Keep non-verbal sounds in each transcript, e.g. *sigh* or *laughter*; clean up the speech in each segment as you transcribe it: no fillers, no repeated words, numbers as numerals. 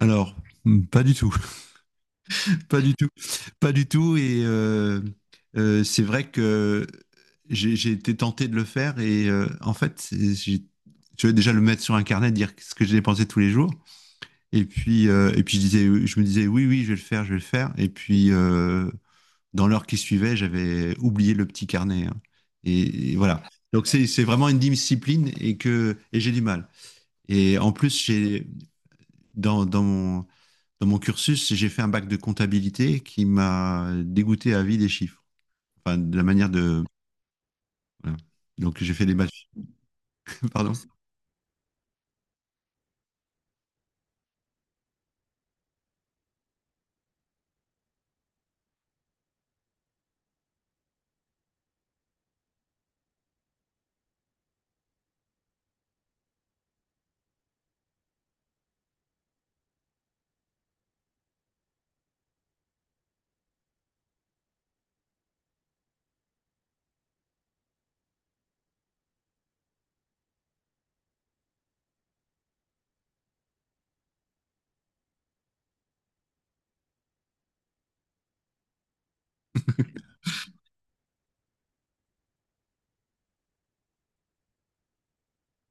Alors, pas du tout, *laughs* pas du tout, pas du tout. Et c'est vrai que j'ai été tenté de le faire. Et en fait, je vais déjà le mettre sur un carnet, dire ce que j'ai dépensé tous les jours. Et puis je disais, je me disais, oui, oui, je vais le faire, je vais le faire. Et puis, dans l'heure qui suivait, j'avais oublié le petit carnet, hein. Et voilà. Donc, c'est vraiment une discipline et que et j'ai du mal. Et en plus, j'ai dans, dans mon cursus, j'ai fait un bac de comptabilité qui m'a dégoûté à vie des chiffres. Enfin, de la manière de. Voilà. Donc, j'ai fait des maths. *laughs* Pardon. *laughs*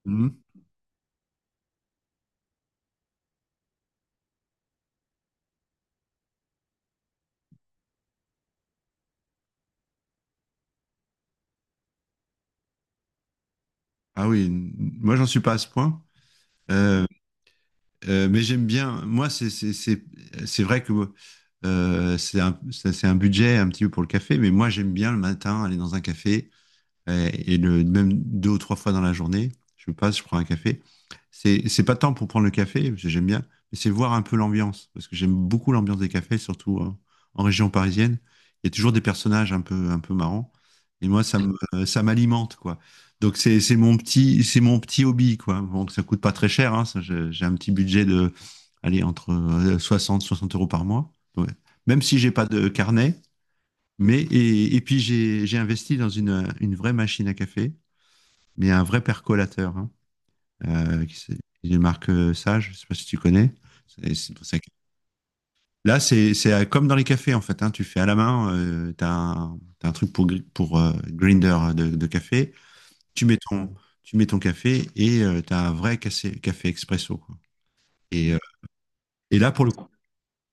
Mhm. Ah oui, moi, j'en suis pas à ce point. Euh, mais j'aime bien. Moi, c'est vrai que c'est un budget un petit peu pour le café, mais moi, j'aime bien le matin aller dans un café, et le, même deux ou trois fois dans la journée, je passe, je prends un café. C'est pas tant pour prendre le café, parce que j'aime bien, mais c'est voir un peu l'ambiance, parce que j'aime beaucoup l'ambiance des cafés, surtout en, en région parisienne. Il y a toujours des personnages un peu marrants, et moi, ça m'alimente, quoi. Donc c'est mon petit hobby, quoi. Bon, ça coûte pas très cher, hein, ça, j'ai un petit budget de, allez, entre 60 € par mois. Ouais. Même si j'ai pas de carnet, mais, et puis, j'ai investi dans une vraie machine à café, mais un vrai percolateur. Hein, euh, qui c'est- une marque, Sage, je sais pas si tu connais. C'est pour ça que- Là, c'est comme dans les cafés, en fait, hein, tu fais à la main, tu un t'as un truc pour, grinder de café. Tu mets ton, tu mets ton café et tu as un vrai café, café expresso, quoi. Et, euh, et là,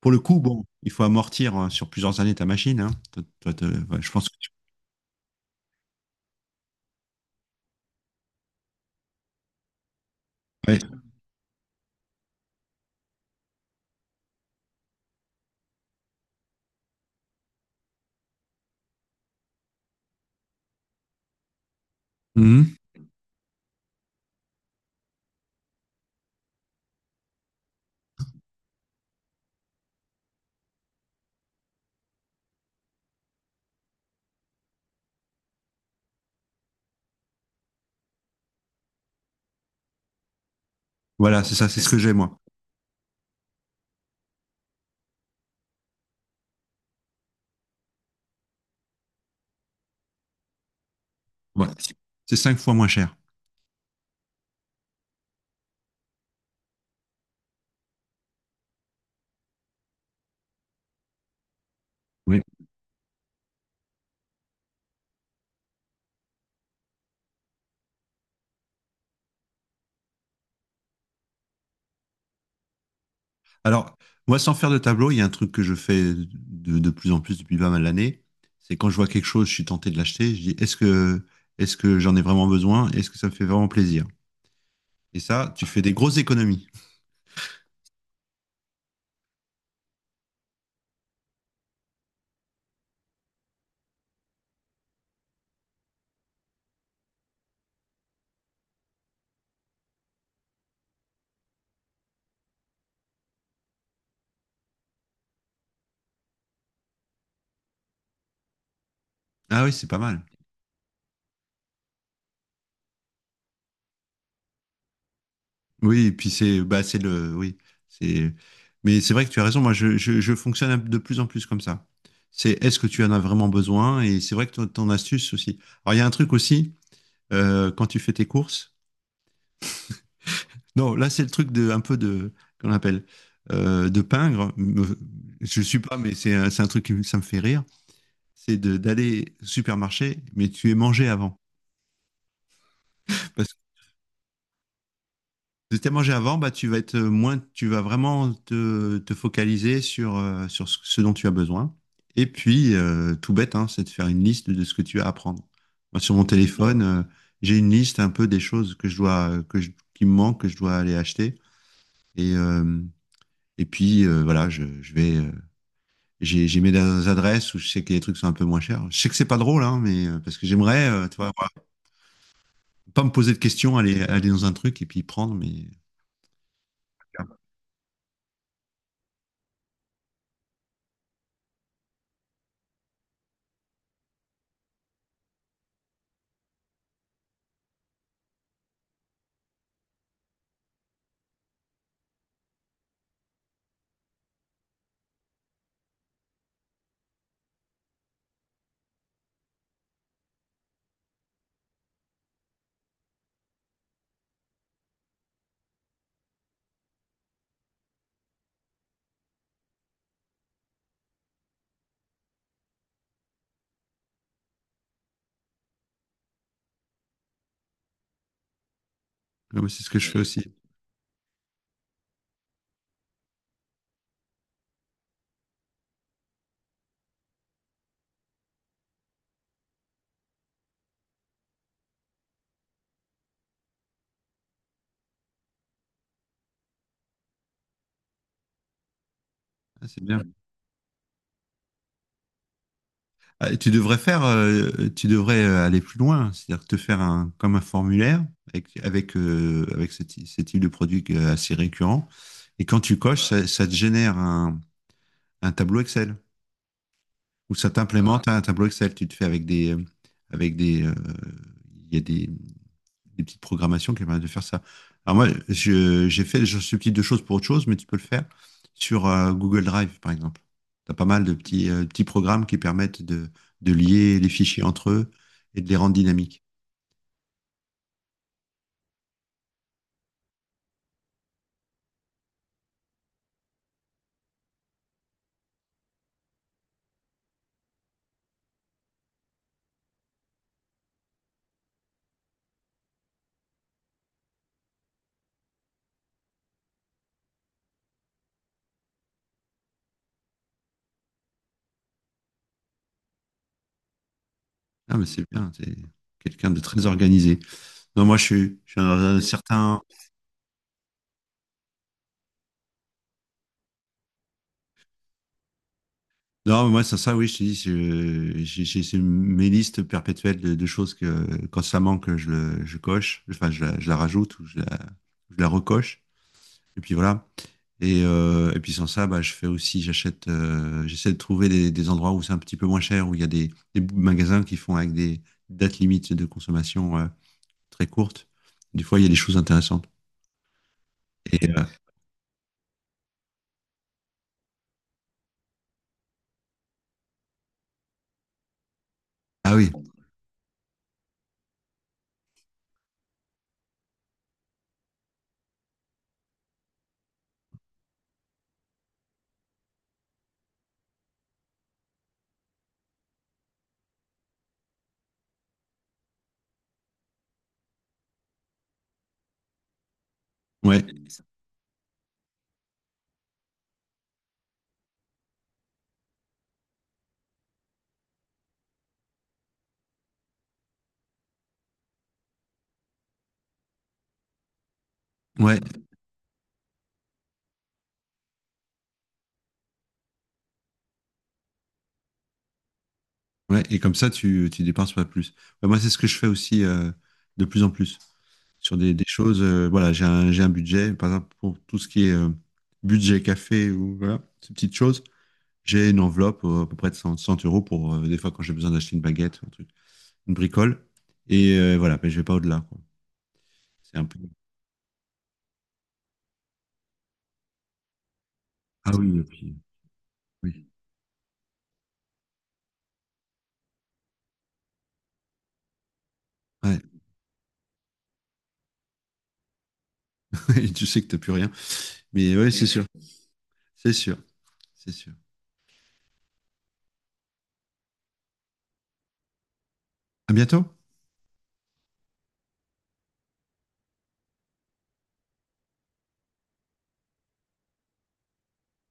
pour le coup, bon, il faut amortir sur plusieurs années ta machine, hein. Ouais, je pense que ouais. Mhm. Voilà, c'est ça, c'est ce que j'ai, moi. Voilà. C'est cinq fois moins cher. Oui. Alors, moi, sans faire de tableau, il y a un truc que je fais de plus en plus depuis pas mal d'années. C'est quand je vois quelque chose, je suis tenté de l'acheter. Je dis, est-ce que j'en ai vraiment besoin? Est-ce que ça me fait vraiment plaisir? Et ça, tu fais des grosses économies. Ah oui, c'est pas mal. Oui, et puis c'est, bah, c'est le, oui, c'est, mais c'est vrai que tu as raison. Moi, je fonctionne de plus en plus comme ça. C'est, est-ce que tu en as vraiment besoin? Et c'est vrai que ton, ton astuce aussi. Alors, il y a un truc aussi, quand tu fais tes courses, non, là, c'est le truc de, un peu de, qu'on appelle, de peindre. Je ne suis pas, mais c'est un truc qui ça me fait rire. D'aller au supermarché, mais tu es mangé avant. Parce que si tu es mangé avant, bah, tu vas être moins, tu vas vraiment te focaliser sur, sur ce ce dont tu as besoin. Et puis, tout bête, hein, c'est de faire une liste de ce que tu as à prendre. Moi, sur mon téléphone, j'ai une liste un peu des choses que je dois, qui me manquent, que je dois aller acheter. Et, voilà, je vais. J'ai mis des adresses où je sais que les trucs sont un peu moins chers. Je sais que c'est pas drôle, hein, mais parce que j'aimerais, tu vois, voilà, pas me poser de questions, aller dans un truc et puis prendre, mais, ouais, mais c'est ce que je fais aussi. Ah, c'est bien. Ah, et tu devrais faire, tu devrais aller plus loin, c'est-à-dire te faire un, comme un formulaire avec, avec, avec ce, ce type de produit assez récurrent. Et quand tu coches, ça te génère un tableau Excel ou ça t'implémente un tableau Excel. Tu te fais avec des, il y a des petites programmations qui permettent de faire ça. Alors moi, j'ai fait ce type de choses pour autre chose, mais tu peux le faire sur Google Drive, par exemple. Tu as pas mal de petits, petits programmes qui permettent de lier les fichiers entre eux et de les rendre dynamiques. Ah, mais c'est bien, c'est quelqu'un de très organisé. Non, moi, je suis dans un certain... Non, mais moi, c'est ça, oui, je te dis, c'est mes listes perpétuelles de choses que, quand ça manque, je coche, enfin, je la rajoute ou je la recoche. Et puis voilà. Et puis sans ça, bah, je fais aussi, j'achète, j'essaie de trouver des endroits où c'est un petit peu moins cher, où il y a des magasins qui font avec des dates limites de consommation très courtes. Des fois, il y a des choses intéressantes. Et, ah oui, ouais, ouais, ouais. Et comme ça, tu dépenses pas plus. Bah, moi, c'est ce que je fais aussi de plus en plus sur des choses. Voilà, j'ai un budget, par exemple, pour tout ce qui est budget café ou voilà, ces petites choses. J'ai une enveloppe à peu près de 100 100 € pour des fois quand j'ai besoin d'acheter une baguette, un truc, une bricole. Et voilà, mais je vais pas au-delà, quoi. C'est un peu. Ah oui, et puis, oui. Ouais. *laughs* Tu sais que t'as plus rien. Mais oui, c'est sûr. C'est sûr. C'est sûr. À bientôt.